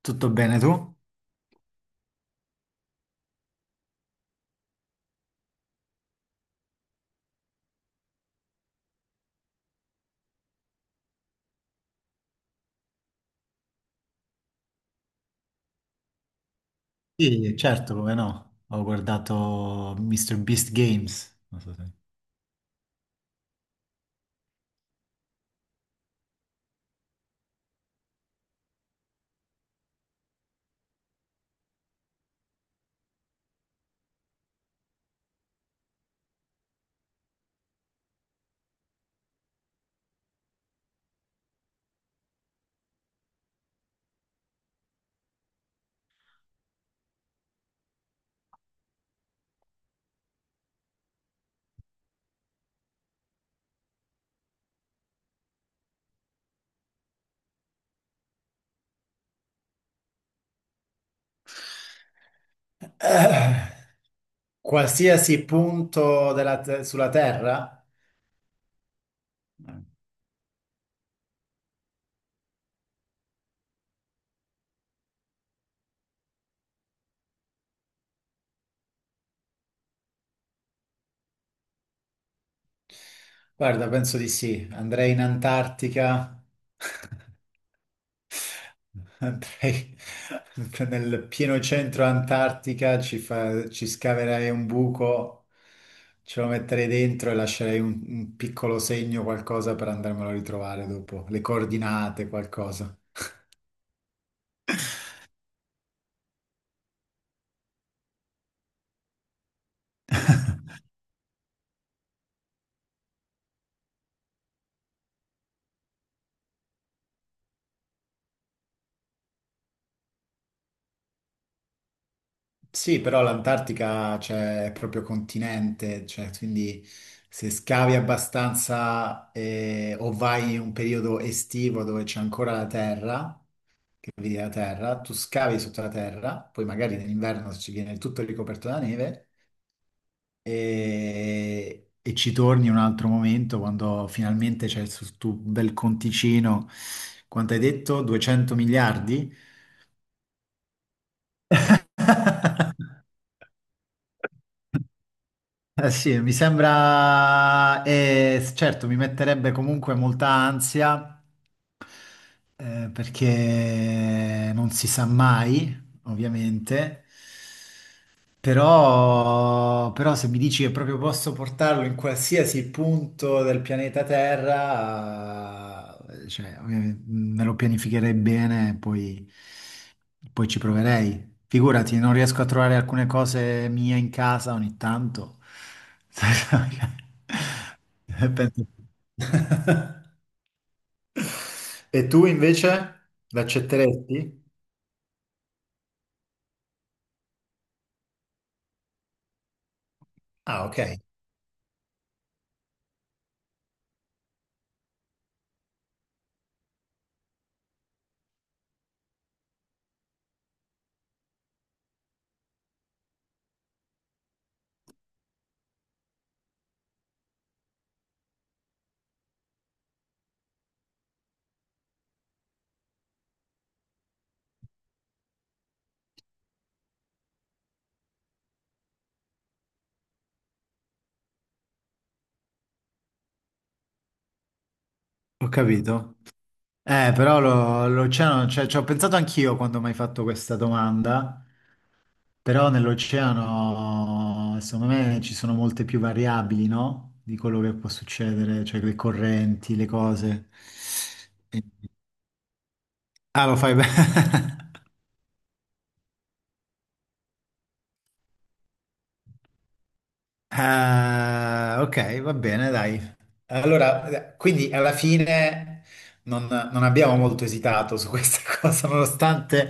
Tutto bene tu? Sì, certo, come no. Ho guardato Mr. Beast Games. Non so se... Eh, qualsiasi punto della te- sulla Terra? Guarda, penso di sì. Andrei in Antartica, andrei nel pieno centro Antartica, ci, fa- ci scaverei un buco, ce lo metterei dentro e lascerei un piccolo segno, qualcosa per andarmelo a ritrovare dopo, le coordinate, qualcosa. Sì, però l'Antartica cioè, è proprio continente, cioè, quindi se scavi abbastanza o vai in un periodo estivo dove c'è ancora la terra, che vedi la terra, tu scavi sotto la terra, poi magari nell'inverno ci viene tutto ricoperto da neve e ci torni un altro momento quando finalmente c'è il sul tuo bel conticino, quanto hai detto? 200 miliardi? Eh sì, mi sembra, certo, mi metterebbe comunque molta ansia, perché non si sa mai, ovviamente, però, però se mi dici che proprio posso portarlo in qualsiasi punto del pianeta Terra, cioè, ovviamente, me lo pianificherei bene e poi, poi ci proverei. Figurati, non riesco a trovare alcune cose mie in casa ogni tanto. Penso- E tu invece l'accetteresti? Ah, ok, ho capito. Però lo- l'oceano, cioè, ci ho pensato anch'io quando mi hai fatto questa domanda, però nell'oceano, secondo me, ci sono molte più variabili, no? Di quello che può succedere, cioè le correnti, le cose. E- Ah, lo fai bene. Ok, va bene, dai. Allora, quindi alla fine non abbiamo molto esitato su questa cosa, nonostante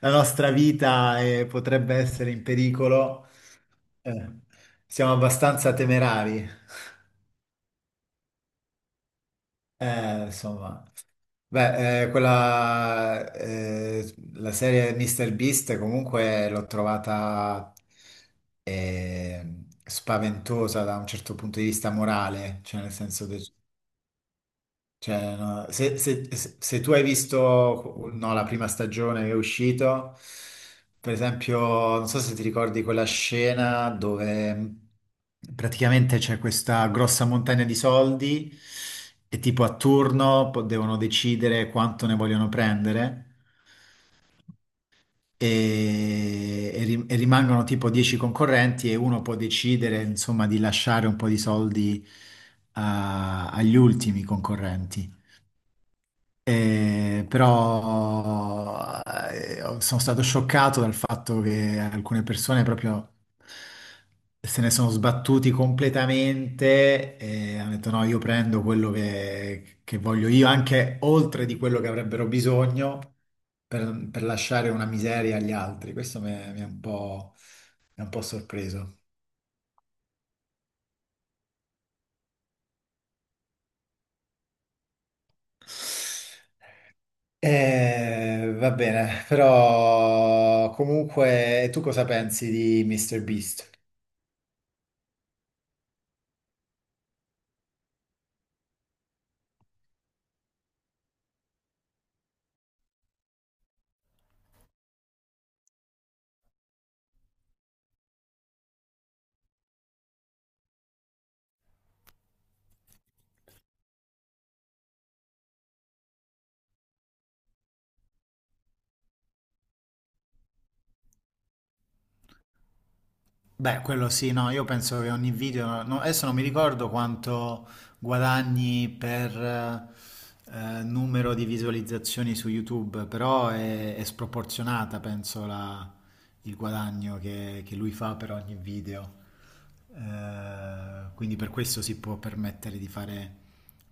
la nostra vita, potrebbe essere in pericolo. Eh, siamo abbastanza temerari, insomma. Beh, quella, la serie Mr. Beast comunque l'ho trovata spaventosa da un certo punto di vista morale, cioè nel senso che cioè, no, se, se- se- se tu hai visto, no, la prima stagione che è uscito, per esempio, non so se ti ricordi quella scena dove praticamente c'è questa grossa montagna di soldi e tipo a turno po- devono decidere quanto ne vogliono prendere e ri- e rimangono tipo 10 concorrenti e uno può decidere, insomma, di lasciare un po' di soldi a- agli ultimi concorrenti. Però sono stato scioccato dal fatto che alcune persone proprio se ne sono sbattuti completamente e hanno detto no, io prendo quello che voglio io, anche oltre di quello che avrebbero bisogno per lasciare una miseria agli altri. Questo mi ha un po', mi ha un po' sorpreso. Va bene, però comunque tu cosa pensi di Mr. Beast? Beh, quello sì, no, io penso che ogni video, no, adesso non mi ricordo quanto guadagni per numero di visualizzazioni su YouTube, però è sproporzionata, penso, la- il guadagno che lui fa per ogni video. Quindi per questo si può permettere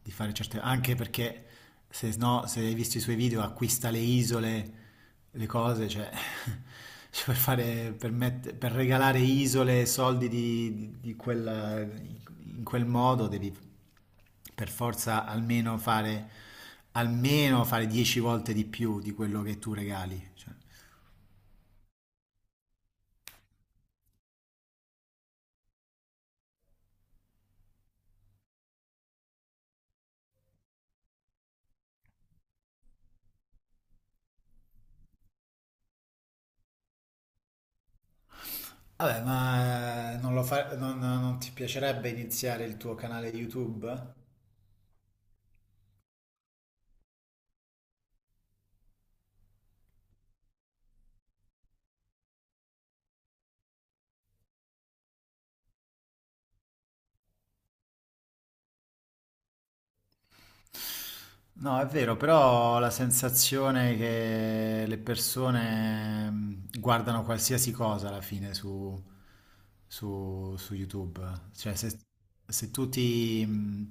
di fare certe... anche perché se no, se hai visto i suoi video acquista le isole le cose, cioè, cioè, per fare, per mette- per regalare isole e soldi di quella- in quel modo devi per forza almeno fare 10 volte di più di quello che tu regali. Cioè. Vabbè, ma non lo fa- non ti piacerebbe iniziare il tuo canale YouTube? No, è vero, però ho la sensazione che le persone guardano qualsiasi cosa alla fine su, su- su YouTube. Cioè, se, se tu ti,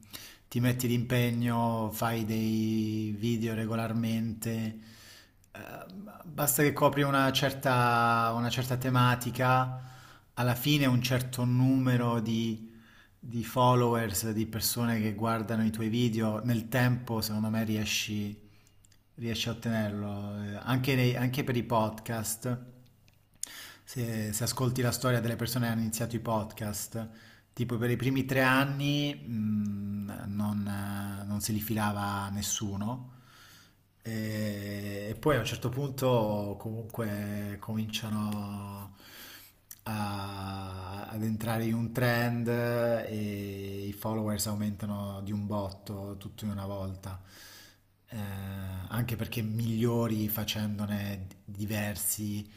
ti metti d'impegno, fai dei video regolarmente, eh, basta che copri una certa tematica, alla fine un certo numero di followers, di persone che guardano i tuoi video, nel tempo secondo me riesci, riesci a ottenerlo. Anche, nei- anche per i podcast, se, se ascolti la storia delle persone che hanno iniziato i podcast, tipo per i primi 3 anni non, non se li filava nessuno. E poi a un certo punto comunque cominciano, a- ad entrare in un trend e i followers aumentano di un botto tutto in una volta. Eh, anche perché migliori facendone diversi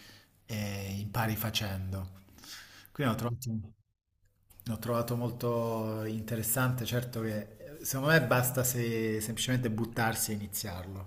e impari facendo. Quindi ho trovato, l'ho trovato molto interessante, certo che secondo me basta se semplicemente buttarsi e iniziarlo.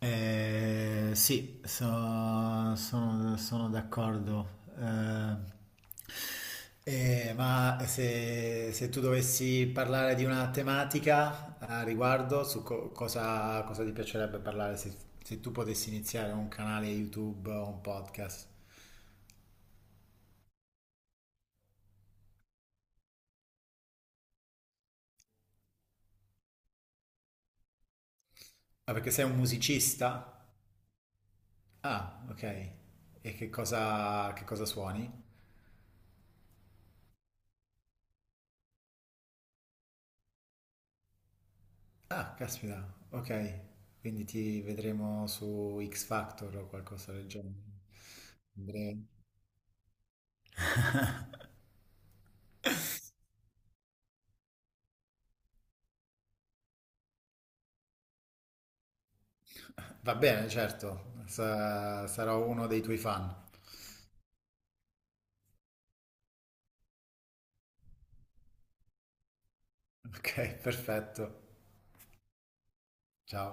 Sì, so- sono, sono d'accordo. Ma se, se tu dovessi parlare di una tematica a riguardo, su co- cosa, cosa ti piacerebbe parlare se, se tu potessi iniziare un canale YouTube o un podcast? Ah, perché sei un musicista? Ah, ok. E che cosa suoni? Ah, caspita, ok. Quindi ti vedremo su X Factor o qualcosa del genere. Andrei- Va bene, certo, sa- sarò uno dei tuoi fan. Ok, perfetto. Ciao.